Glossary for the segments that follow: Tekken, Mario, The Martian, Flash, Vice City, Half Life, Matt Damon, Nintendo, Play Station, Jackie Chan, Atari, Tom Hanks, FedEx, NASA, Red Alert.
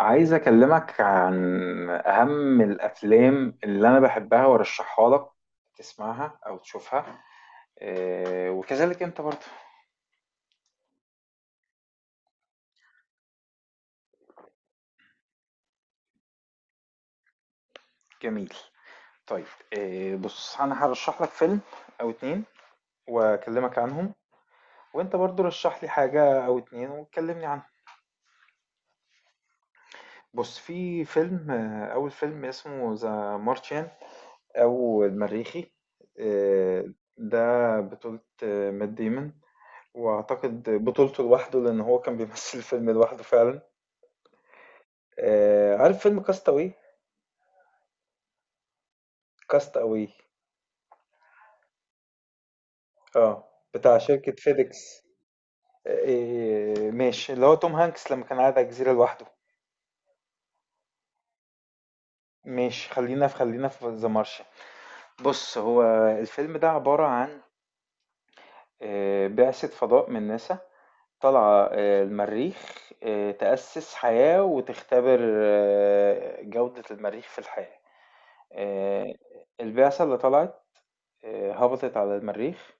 عايز أكلمك عن أهم الأفلام اللي أنا بحبها وأرشحها لك تسمعها أو تشوفها. وكذلك أنت برضه. جميل. طيب. بص أنا هرشح لك فيلم أو اتنين وأكلمك عنهم. وأنت برضه رشح لي حاجة أو اتنين وتكلمني عنهم. بص في فيلم، أول فيلم اسمه ذا مارشيان أو المريخي. آه، ده بطولة مات ديمون. واعتقد بطولته لوحده لان هو كان بيمثل الفيلم لوحده فعلا. عارف فيلم كاستاوي؟ كاستاوي. اه بتاع شركة فيديكس. آه إيه، ماشي، اللي هو توم هانكس لما كان قاعد على الجزيرة لوحده. ماشي، خلينا في ذا مارشن. بص هو الفيلم ده عبارة عن بعثة فضاء من ناسا طالعة المريخ، تأسس حياة وتختبر جودة المريخ في الحياة. آه البعثة اللي طلعت هبطت على المريخ.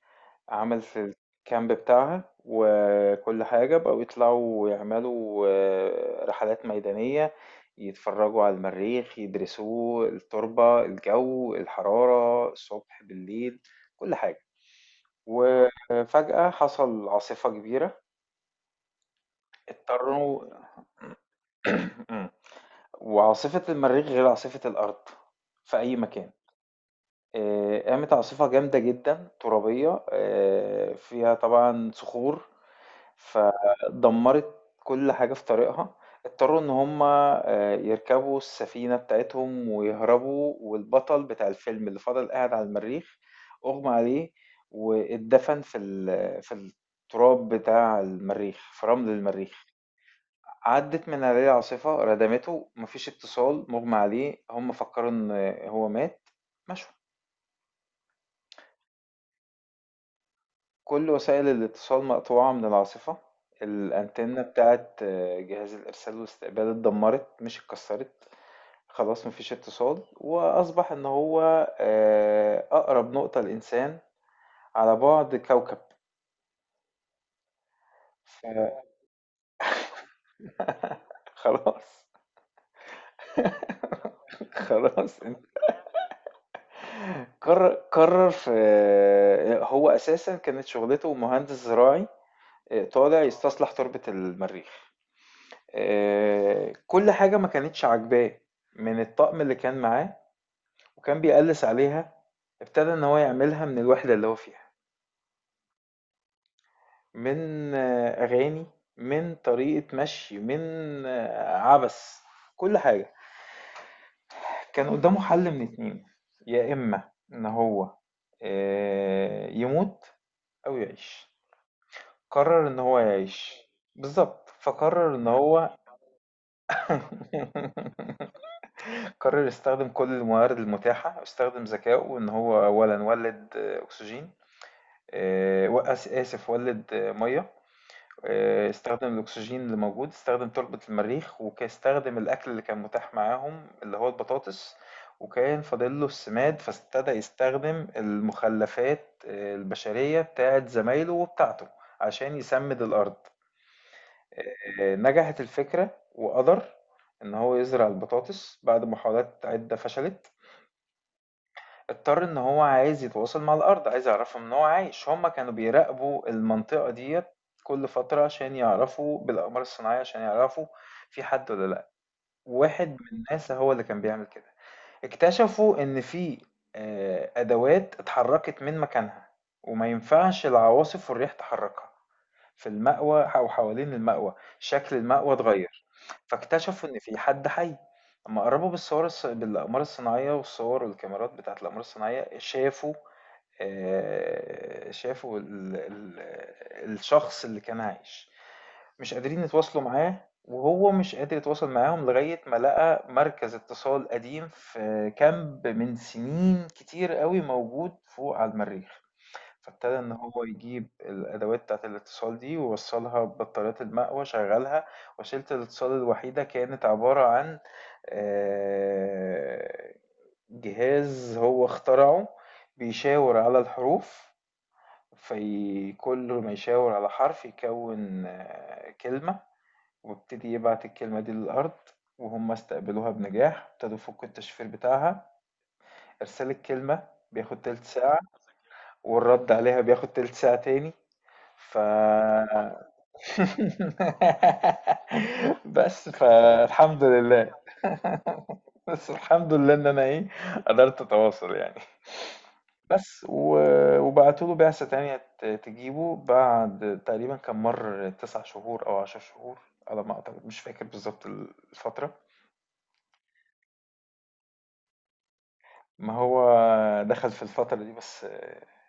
عملت الكامب بتاعها وكل حاجة. بقوا يطلعوا ويعملوا رحلات ميدانية، يتفرجوا على المريخ، يدرسوه، التربة، الجو، الحرارة، الصبح بالليل، كل حاجة. وفجأة حصل عاصفة كبيرة. اضطروا. وعاصفة المريخ غير عاصفة الأرض في أي مكان. قامت عاصفة جامدة جدًا، ترابية، فيها طبعًا صخور، فدمّرت كل حاجة في طريقها. اضطروا إن هُم يركبوا السفينة بتاعتهم ويهربوا، والبطل بتاع الفيلم اللي فضل قاعد على المريخ أُغمي عليه واتدفن في ال في التراب بتاع المريخ، في رمل المريخ. عدِّت من عليه العاصفة ردمته، ما فيش اتصال، مُغمي عليه، هُم فكّروا إن هو مات، مشوا. كل وسائل الاتصال مقطوعة من العاصفة. الأنتنة بتاعت جهاز الإرسال والاستقبال اتدمرت، مش اتكسرت. خلاص، مفيش اتصال، وأصبح إن هو أقرب نقطة لإنسان على بعد كوكب. فخلاص خلاص. خلاص انت. قرر قرر في آه، هو أساسا كانت شغلته مهندس زراعي. طالع يستصلح تربة المريخ. كل حاجة ما كانتش عاجباه من الطقم اللي كان معاه وكان بيقلِّس عليها. ابتدى إن هو يعملها من الوحدة اللي هو فيها، من أغاني، من طريقة مشي، من عبث، كل حاجة. كان قدّامه حل من 2، يا إما إن هو يموت أو يعيش. قرّر إن هو يعيش. بالضبط، فقرّر إن هو قرّر يستخدم كل الموارد المتاحة واستخدم ذكائه إن هو أولًا ولِّد أكسجين، وقس آسف ولد مية. استخدم الأكسجين اللي موجود، استخدم تربة المريخ، وكاستخدم الأكل اللي كان متاح معاهم اللي هو البطاطس. وكان فاضله السماد، فابتدى يستخدم المخلفات البشرية بتاعت زمايله وبتاعته عشان يسمد الأرض. نجحت الفكرة وقدر إن هو يزرع البطاطس بعد محاولات عدة فشلت. اضطر ان هو عايز يتواصل مع الارض، عايز يعرفهم ان هو عايش. هما كانوا بيراقبوا المنطقة ديت كل فترة عشان يعرفوا بالاقمار الصناعية، عشان يعرفوا في حد ولا لا. واحد من ناسا هو اللي كان بيعمل كده. اكتشفوا ان في ادوات اتحركت من مكانها، وما ينفعش العواصف والريح تحركها. في المأوى أو حوالين المأوى شكل المأوى اتغير. فاكتشفوا إن في حد حي. لما قربوا بالصور بالأقمار الصناعية والصور والكاميرات بتاعة الأقمار الصناعية، شافوا شافوا الشخص اللي كان عايش. مش قادرين يتواصلوا معاه، وهو مش قادر يتواصل معاهم، لغاية ما لقى مركز اتصال قديم في كامب من سنين كتير قوي موجود فوق على المريخ. فابتدى إن هو يجيب الأدوات بتاعة الاتصال دي ووصّلها ببطاريات المقوى، شغّلها. وسيلة الاتصال الوحيدة كانت عبارة عن آآ جهاز هو اخترعه بيشاور على الحروف، في كل ما يشاور على حرف يكوّن كلمة، ويبتدي يبعت الكلمة دي للأرض. وهُم استقبلوها بنجاح، ابتدوا يفكّوا التشفير بتاعها. إرسال الكلمة بياخد تِلت ساعة، والرد عليها بياخد تِلت ساعة تاني. ف بس فالحمد لله. بس الحمد لله ان انا ايه، قدرت اتواصل يعني. بس وبعتوله بعثة تانية تجيبه بعد تقريبا، كان مر 9 شهور أو 10 شهور على ما أعتقد. مش فاكر بالظبط الفترة. ما هو دخل في الفترة دي بس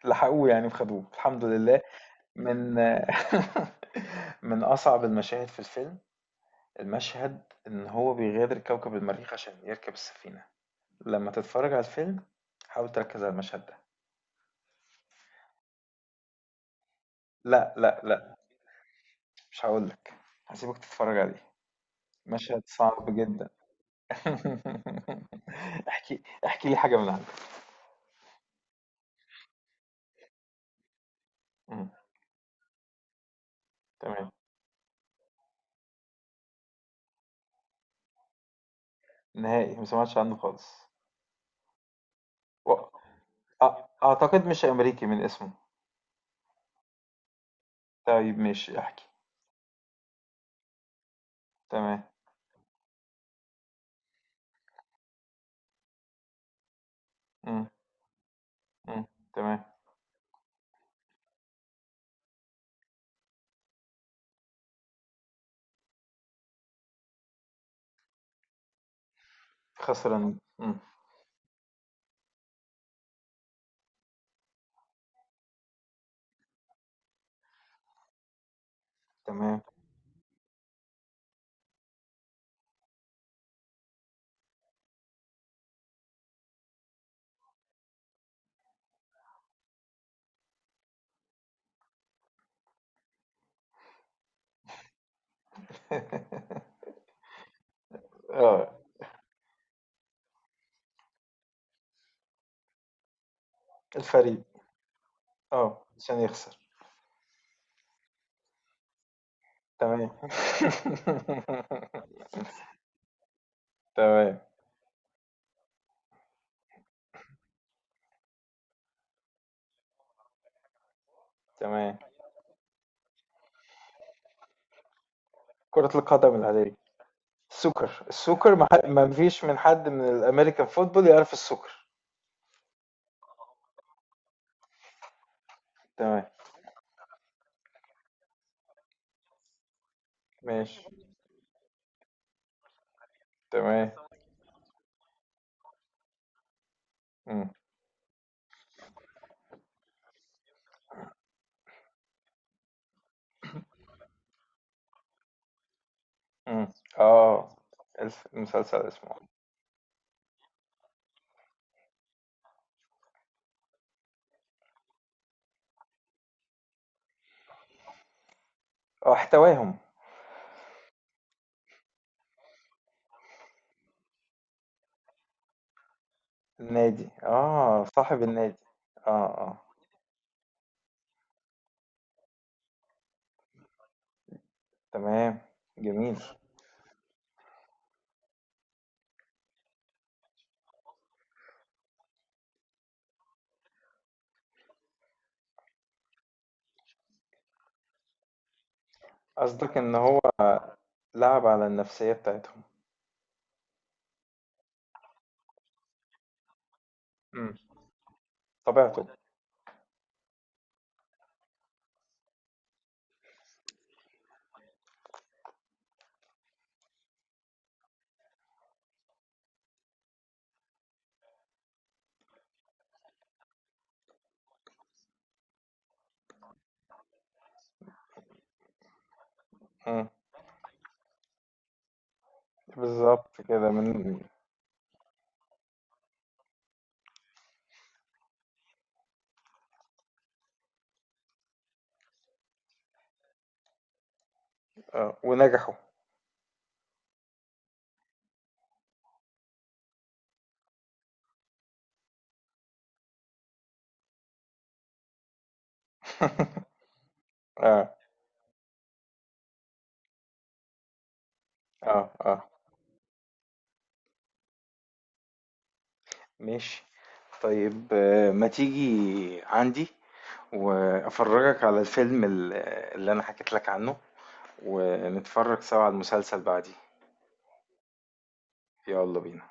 لحقوه يعني وخدوه الحمد لله. من من أصعب المشاهد في الفيلم، المشهد إن هو بيغادر كوكب المريخ عشان يركب السفينة. لما تتفرج على الفيلم، حاول تركز على المشهد ده. لا لا لا، مش هقولك. هسيبك تتفرج عليه. مشهد صعب جدا. احكي احكي لي حاجة من عندك. مم، تمام. نهائي ما سمعتش عنه خالص. و... أعتقد مش أمريكي من اسمه. طيب، ماشي، احكي. تمام. مم، مم، تمام. خسران، مم. تمام. اه، الفريق، اه، عشان يخسر. تمام. تمام، تمام. كرة القدم العادية، السوكر. السوكر ما فيش من حد من الأمريكان فوتبول يعرف السوكر. تمام، ماشي، تمام. مم. مم. اه، المسلسل اسمه. اه، احتواهم. النادي، اه، صاحب النادي. اه، اه، تمام. جميل. قصدك ان هو لعب على النفسية بتاعتهم. مم. طبيعته. مم. بالظبط كده من آه. ونجحوا. اه، اه، اه، ماشي. طيب، ما تيجي عندي وافرجك على الفيلم اللي انا حكيت لك عنه، ونتفرج سوا على المسلسل بعديه. يلا بينا.